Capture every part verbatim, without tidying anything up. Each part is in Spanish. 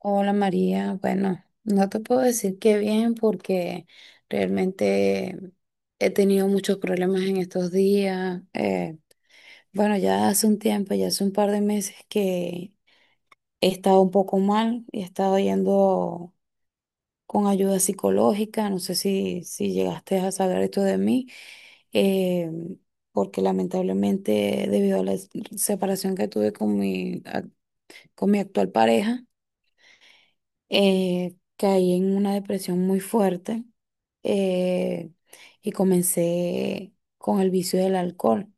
Hola María, bueno, no te puedo decir que bien porque realmente he tenido muchos problemas en estos días. Eh, bueno, ya hace un tiempo, ya hace un par de meses que he estado un poco mal, he estado yendo con ayuda psicológica, no sé si, si llegaste a saber esto de mí, eh, porque lamentablemente debido a la separación que tuve con mi, ac- con mi actual pareja, eh, caí en una depresión muy fuerte eh, y comencé con el vicio del alcohol,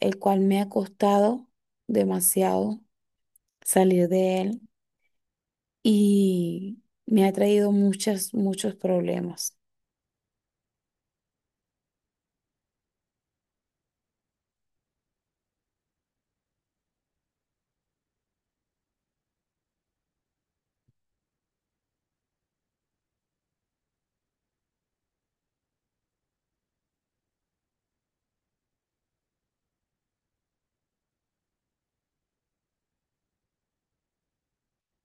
el cual me ha costado demasiado salir de él y me ha traído muchas, muchos problemas.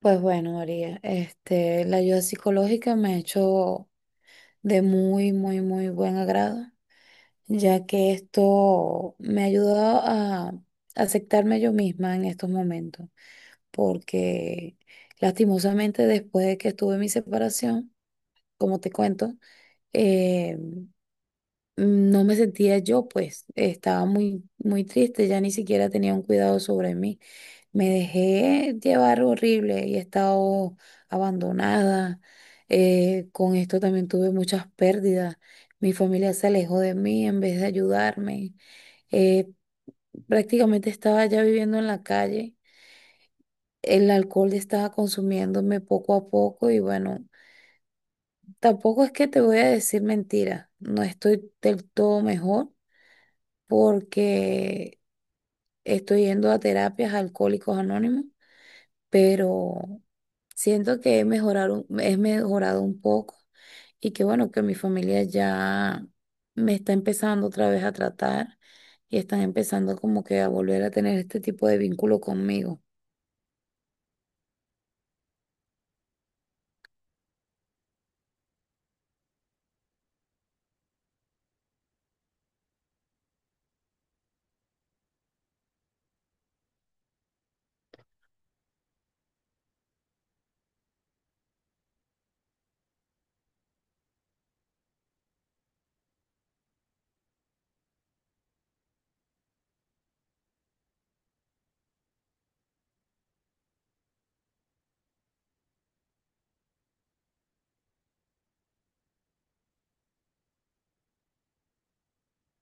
Pues bueno, María, este, la ayuda psicológica me ha hecho de muy, muy, muy buen agrado, ya que esto me ha ayudado a aceptarme yo misma en estos momentos porque lastimosamente después de que estuve en mi separación, como te cuento, eh, no me sentía yo, pues estaba muy, muy triste, ya ni siquiera tenía un cuidado sobre mí. Me dejé llevar horrible y he estado abandonada. Eh, con esto también tuve muchas pérdidas. Mi familia se alejó de mí en vez de ayudarme. Eh, Prácticamente estaba ya viviendo en la calle, el alcohol estaba consumiéndome poco a poco y bueno, tampoco es que te voy a decir mentira, no estoy del todo mejor porque estoy yendo a terapias a alcohólicos anónimos, pero siento que he mejorado, un- he mejorado un poco y que bueno, que mi familia ya me está empezando otra vez a tratar y están empezando como que a volver a tener este tipo de vínculo conmigo.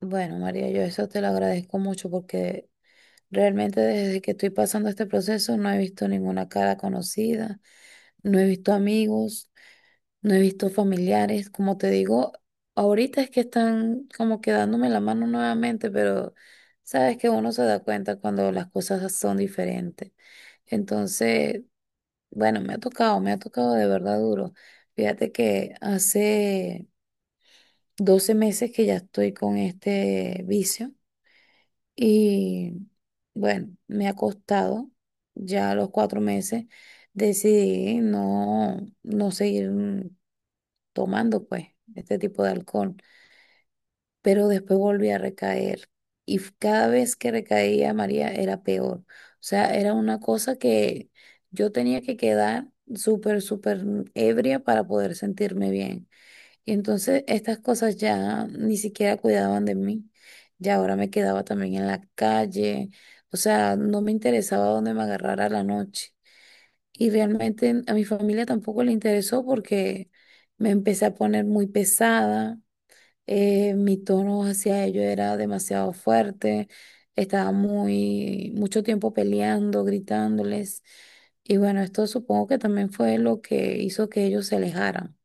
Bueno, María, yo eso te lo agradezco mucho porque realmente desde que estoy pasando este proceso no he visto ninguna cara conocida, no he visto amigos, no he visto familiares. Como te digo, ahorita es que están como que dándome la mano nuevamente, pero sabes que uno se da cuenta cuando las cosas son diferentes. Entonces, bueno, me ha tocado, me ha tocado de verdad duro. Fíjate que hace doce meses que ya estoy con este vicio. Y bueno, me ha costado ya a los cuatro meses. Decidí no, no seguir mm, tomando pues este tipo de alcohol, pero después volví a recaer. Y f- cada vez que recaía, María, era peor. O sea, era una cosa que yo tenía que quedar súper, súper ebria para poder sentirme bien. Y entonces estas cosas ya ni siquiera cuidaban de mí. Ya ahora me quedaba también en la calle. O sea, no me interesaba dónde me agarrara la noche. Y realmente a mi familia tampoco le interesó porque me empecé a poner muy pesada. Eh, mi tono hacia ellos era demasiado fuerte. Estaba muy, mucho tiempo peleando, gritándoles. Y bueno, esto supongo que también fue lo que hizo que ellos se alejaran.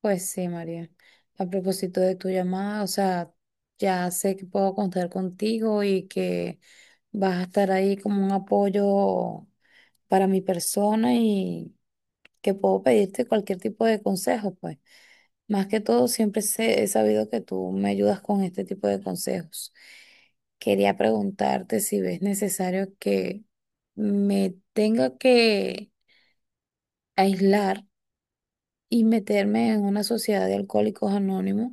Pues sí, María. A propósito de tu llamada, o sea, ya sé que puedo contar contigo y que vas a estar ahí como un apoyo para mi persona y que puedo pedirte cualquier tipo de consejo, pues. Más que todo, siempre sé- he sabido que tú me ayudas con este tipo de consejos. Quería preguntarte si ves necesario que me tenga que aislar y meterme en una sociedad de alcohólicos anónimos,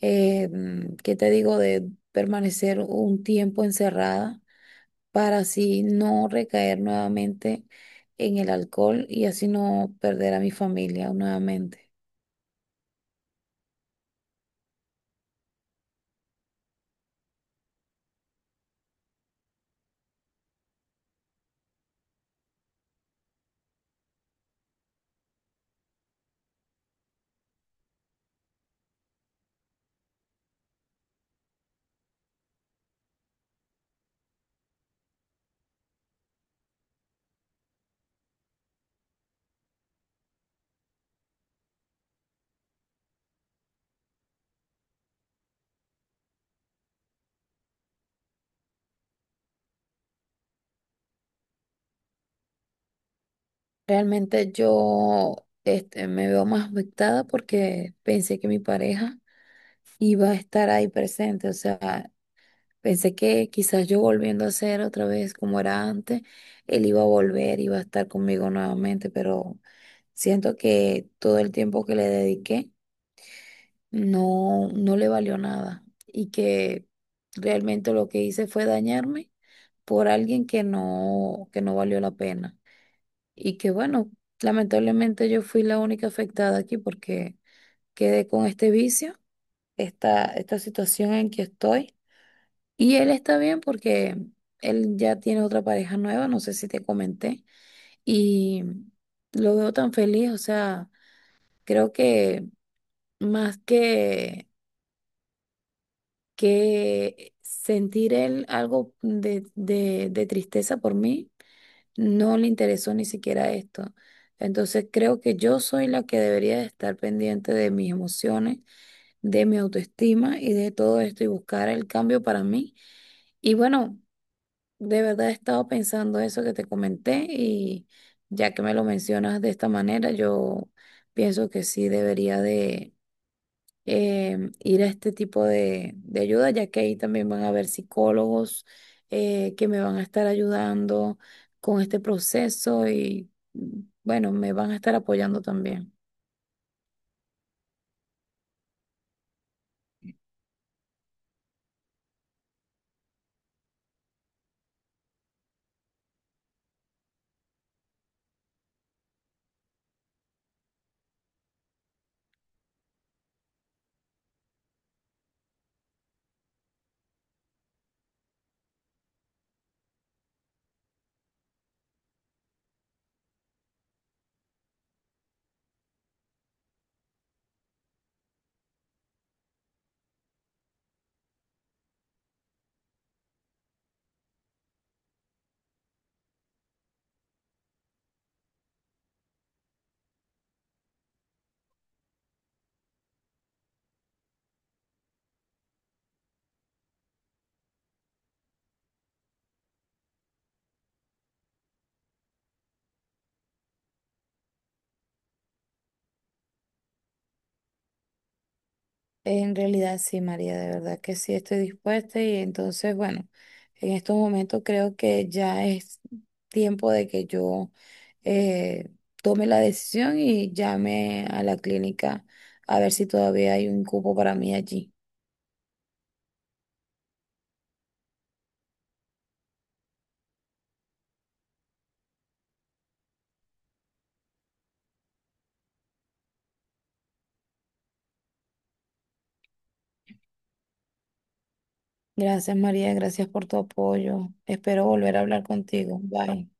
eh, mm, ¿qué te digo? De permanecer un tiempo encerrada para así no recaer nuevamente en el alcohol y así no perder a mi familia nuevamente. Realmente yo este, me veo más afectada porque pensé que mi pareja iba a estar ahí presente, o sea, pensé que quizás yo volviendo a ser otra vez como era antes, él iba a volver, iba a estar conmigo nuevamente, pero siento que todo el tiempo que le dediqué no, no le valió nada y que realmente lo que hice fue dañarme por alguien que no, que no valió la pena. Y que bueno, lamentablemente yo fui la única afectada aquí porque quedé con este vicio, esta, esta situación en que estoy. Y él está bien porque él ya tiene otra pareja nueva, no sé si te comenté, y lo veo tan feliz, o sea, creo que más que, que sentir él algo de, de, de tristeza por mí, no le interesó ni siquiera esto. Entonces creo que yo soy la que debería de estar pendiente de mis emociones, de mi autoestima y de todo esto y buscar el cambio para mí. Y bueno, de verdad he estado pensando eso que te comenté y ya que me lo mencionas de esta manera, yo pienso que sí debería de em, ir a este tipo de, de ayuda, ya que ahí también van a haber psicólogos eh, que me van a estar ayudando con este proceso y mm, bueno, me van a estar apoyando también. En realidad sí, María, de verdad que sí estoy dispuesta y entonces, bueno, en estos momentos creo que ya es tiempo de que yo eh, tome la decisión y llame a la clínica a ver si todavía hay un cupo para mí allí. Gracias, María, gracias por tu apoyo. Espero volver a hablar contigo. Bye.